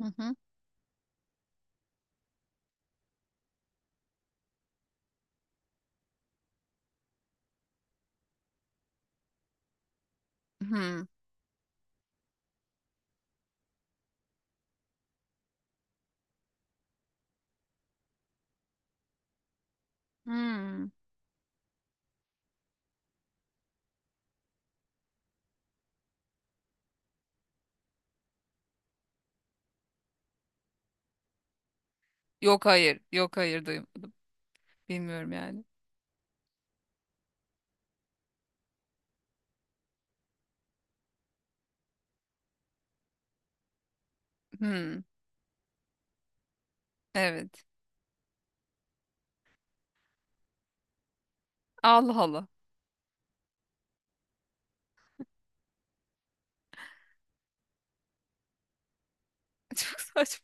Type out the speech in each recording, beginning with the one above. Hı hı. Hı. Hı. Yok, hayır. Yok, hayır, duyum. Bilmiyorum yani. Hı. Evet. Allah Allah. Çok saçma.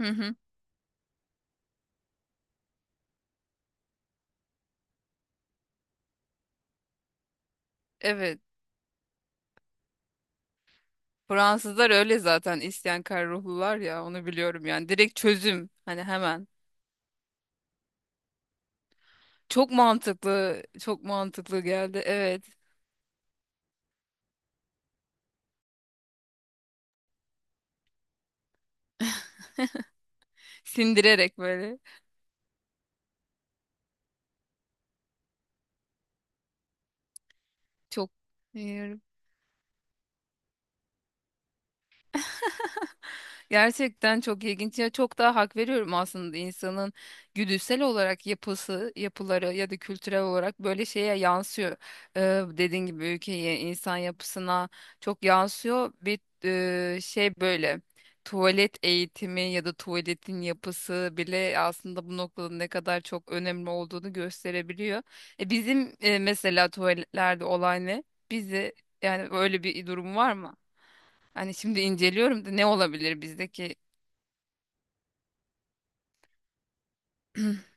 Hı hı. Evet. Fransızlar öyle zaten isyankar ruhlular ya, onu biliyorum yani. Direkt çözüm hani, hemen. Çok mantıklı, çok mantıklı geldi. Evet. Sindirerek böyle. Çok, gerçekten çok ilginç ya, çok daha hak veriyorum aslında insanın güdüsel olarak yapısı, yapıları ya da kültürel olarak böyle şeye yansıyor. Ee, Dediğin gibi ülkeye, insan yapısına çok yansıyor. Bir şey böyle, tuvalet eğitimi ya da tuvaletin yapısı bile aslında bu noktada ne kadar çok önemli olduğunu gösterebiliyor. Bizim mesela tuvaletlerde olay ne? Bizi, yani öyle bir durum var mı? Hani şimdi inceliyorum da, ne olabilir bizdeki?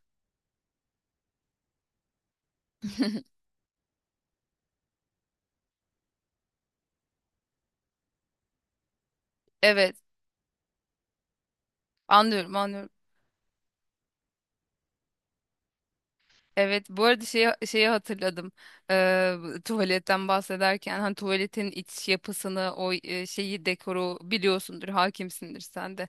Evet, anlıyorum, anlıyorum. Evet, bu arada şeyi hatırladım. Ee, Tuvaletten bahsederken hani tuvaletin iç yapısını, o şeyi, dekoru biliyorsundur, hakimsindir sen de.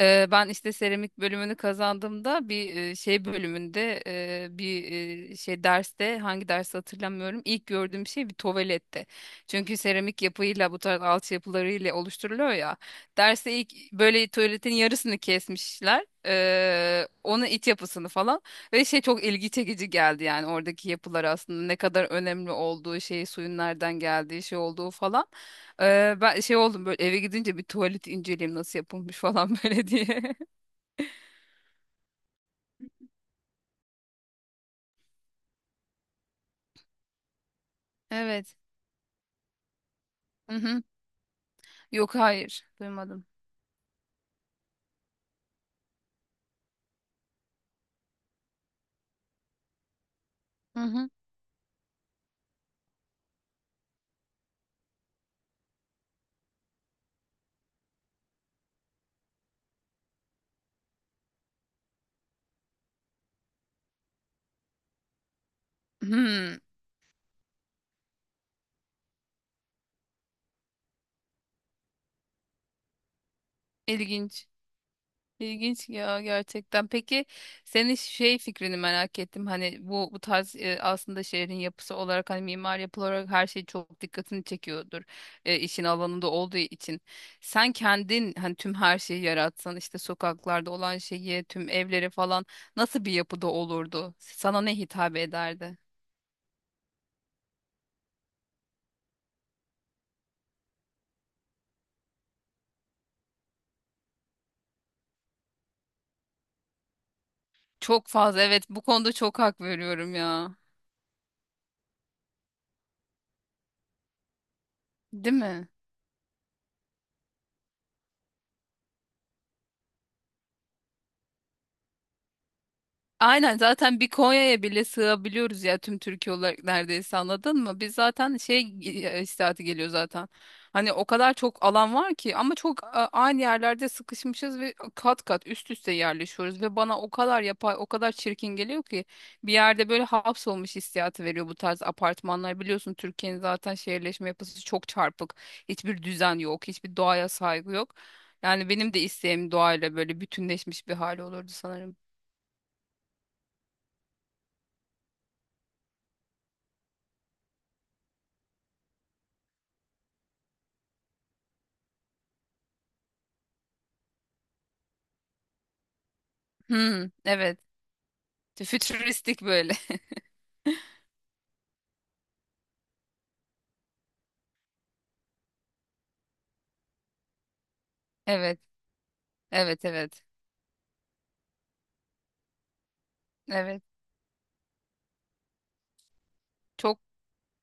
Ben işte seramik bölümünü kazandığımda bir şey bölümünde bir şey derste, hangi dersi hatırlamıyorum. İlk gördüğüm şey bir tuvaletti. Çünkü seramik yapıyla bu tarz altyapılarıyla oluşturuluyor ya. Derste ilk böyle tuvaletin yarısını kesmişler. Onun iç yapısını falan ve şey, çok ilgi çekici geldi yani oradaki yapılar aslında ne kadar önemli olduğu, şey, suyun nereden geldiği şey olduğu falan. Ben şey oldum, böyle eve gidince bir tuvalet inceleyeyim nasıl yapılmış falan böyle diye. Evet. Hı hı. Yok, hayır. Duymadım. Hı hı. Hmm, ilginç. İlginç ya, gerçekten. Peki, senin şey fikrini merak ettim. Hani bu tarz aslında şehrin yapısı olarak, hani mimar yapı olarak her şey çok dikkatini çekiyordur. İşin alanında olduğu için. Sen kendin hani tüm her şeyi yaratsan, işte sokaklarda olan şeyi, tüm evleri falan, nasıl bir yapıda olurdu? Sana ne hitap ederdi? Çok fazla, evet, bu konuda çok hak veriyorum ya. Değil mi? Aynen, zaten bir Konya'ya bile sığabiliyoruz ya tüm Türkiye olarak neredeyse, anladın mı? Biz zaten şey, istihati geliyor zaten. Hani o kadar çok alan var ki, ama çok aynı yerlerde sıkışmışız ve kat kat üst üste yerleşiyoruz ve bana o kadar yapay, o kadar çirkin geliyor ki bir yerde böyle hapsolmuş hissiyatı veriyor bu tarz apartmanlar. Biliyorsun, Türkiye'nin zaten şehirleşme yapısı çok çarpık. Hiçbir düzen yok, hiçbir doğaya saygı yok. Yani benim de isteğim doğayla böyle bütünleşmiş bir hali olurdu sanırım. Hmm, evet. Fütüristik böyle. Evet. Evet, evet. Evet. Çok,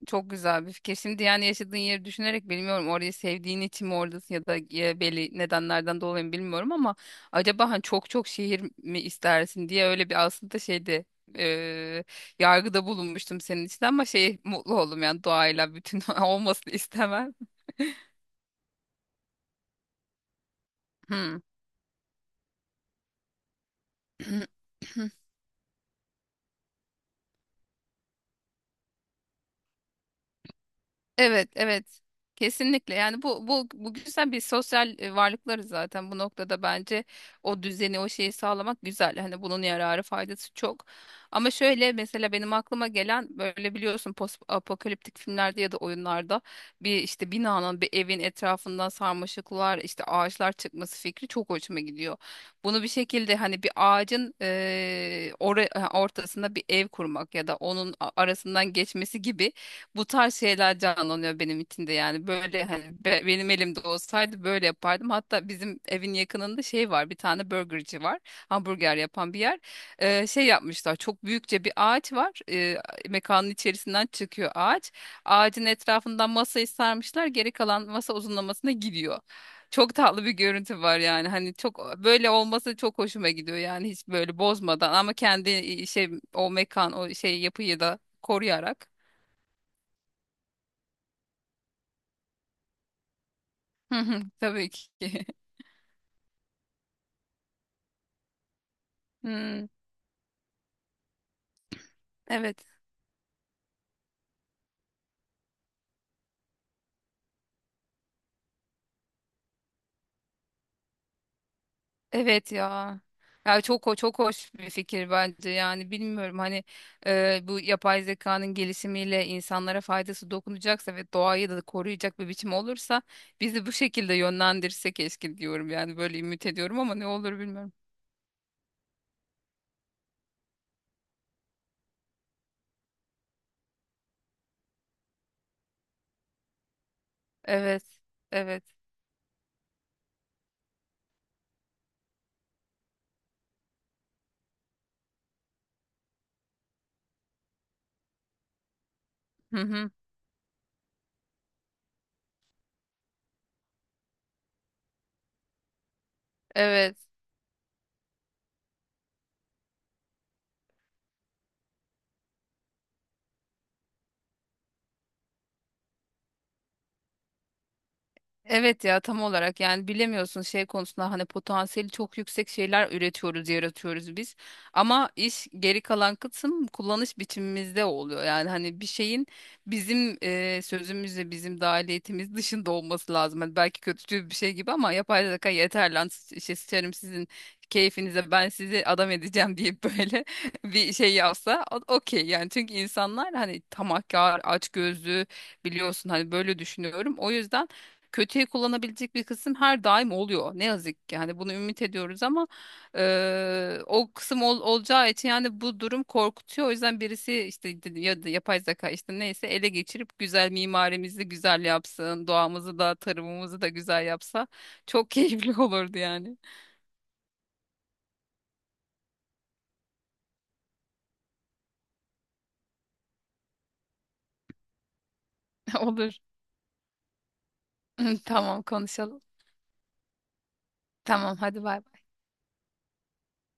çok güzel bir fikir. Şimdi yani yaşadığın yeri düşünerek, bilmiyorum, orayı sevdiğin için mi oradasın ya da belli nedenlerden dolayı mı bilmiyorum ama acaba hani çok, çok şehir mi istersin diye öyle bir aslında şeyde, e, yargıda bulunmuştum senin için ama şey, mutlu oldum yani doğayla bütün olmasını istemem. Hmm. Evet, evet. Kesinlikle. Yani bu güzel bir sosyal varlıklarız zaten bu noktada, bence o düzeni, o şeyi sağlamak güzel. Hani bunun yararı, faydası çok. Ama şöyle mesela benim aklıma gelen, böyle biliyorsun post apokaliptik filmlerde ya da oyunlarda bir işte binanın, bir evin etrafından sarmaşıklar, işte ağaçlar çıkması fikri çok hoşuma gidiyor. Bunu bir şekilde hani bir ağacın ortasında bir ev kurmak ya da onun arasından geçmesi gibi bu tarz şeyler canlanıyor benim içinde yani böyle hani benim elimde olsaydı böyle yapardım. Hatta bizim evin yakınında şey var, bir tane burgerci var, hamburger yapan bir yer. Şey yapmışlar, çok büyükçe bir ağaç var. Mekanın içerisinden çıkıyor ağaç, ağacın etrafından masayı sarmışlar, geri kalan masa uzunlamasına gidiyor. Çok tatlı bir görüntü var yani, hani çok böyle olması çok hoşuma gidiyor yani, hiç böyle bozmadan ama kendi şey, o mekan, o şey yapıyı da koruyarak. Hı hı, tabii ki. Hmm, evet. Evet ya. Ya çok çok hoş bir fikir bence. Yani bilmiyorum hani, bu yapay zekanın gelişimiyle insanlara faydası dokunacaksa ve doğayı da koruyacak bir biçim olursa, bizi bu şekilde yönlendirse keşke diyorum. Yani böyle ümit ediyorum ama ne olur bilmiyorum. Evet. Evet. Hı hı. Evet. Evet ya, tam olarak. Yani bilemiyorsun şey konusunda, hani potansiyeli çok yüksek şeyler üretiyoruz, yaratıyoruz biz. Ama iş, geri kalan kısım kullanış biçimimizde oluyor. Yani hani bir şeyin bizim sözümüzle, bizim dahiliyetimiz dışında olması lazım. Hani belki kötücül bir şey gibi ama yapay zeka, yeter lan, şey, sıçarım sizin keyfinize, ben sizi adam edeceğim deyip böyle bir şey yapsa, okey yani, çünkü insanlar hani tamahkar, açgözlü, biliyorsun, hani böyle düşünüyorum. O yüzden kötüye kullanabilecek bir kısım her daim oluyor. Ne yazık ki hani bunu ümit ediyoruz ama o kısım olacağı için yani bu durum korkutuyor. O yüzden birisi, işte ya da yapay zeka işte neyse, ele geçirip güzel mimarimizi güzel yapsın, doğamızı da tarımımızı da güzel yapsa çok keyifli olurdu yani. Olur. Tamam, konuşalım. Tamam, hadi bay bay.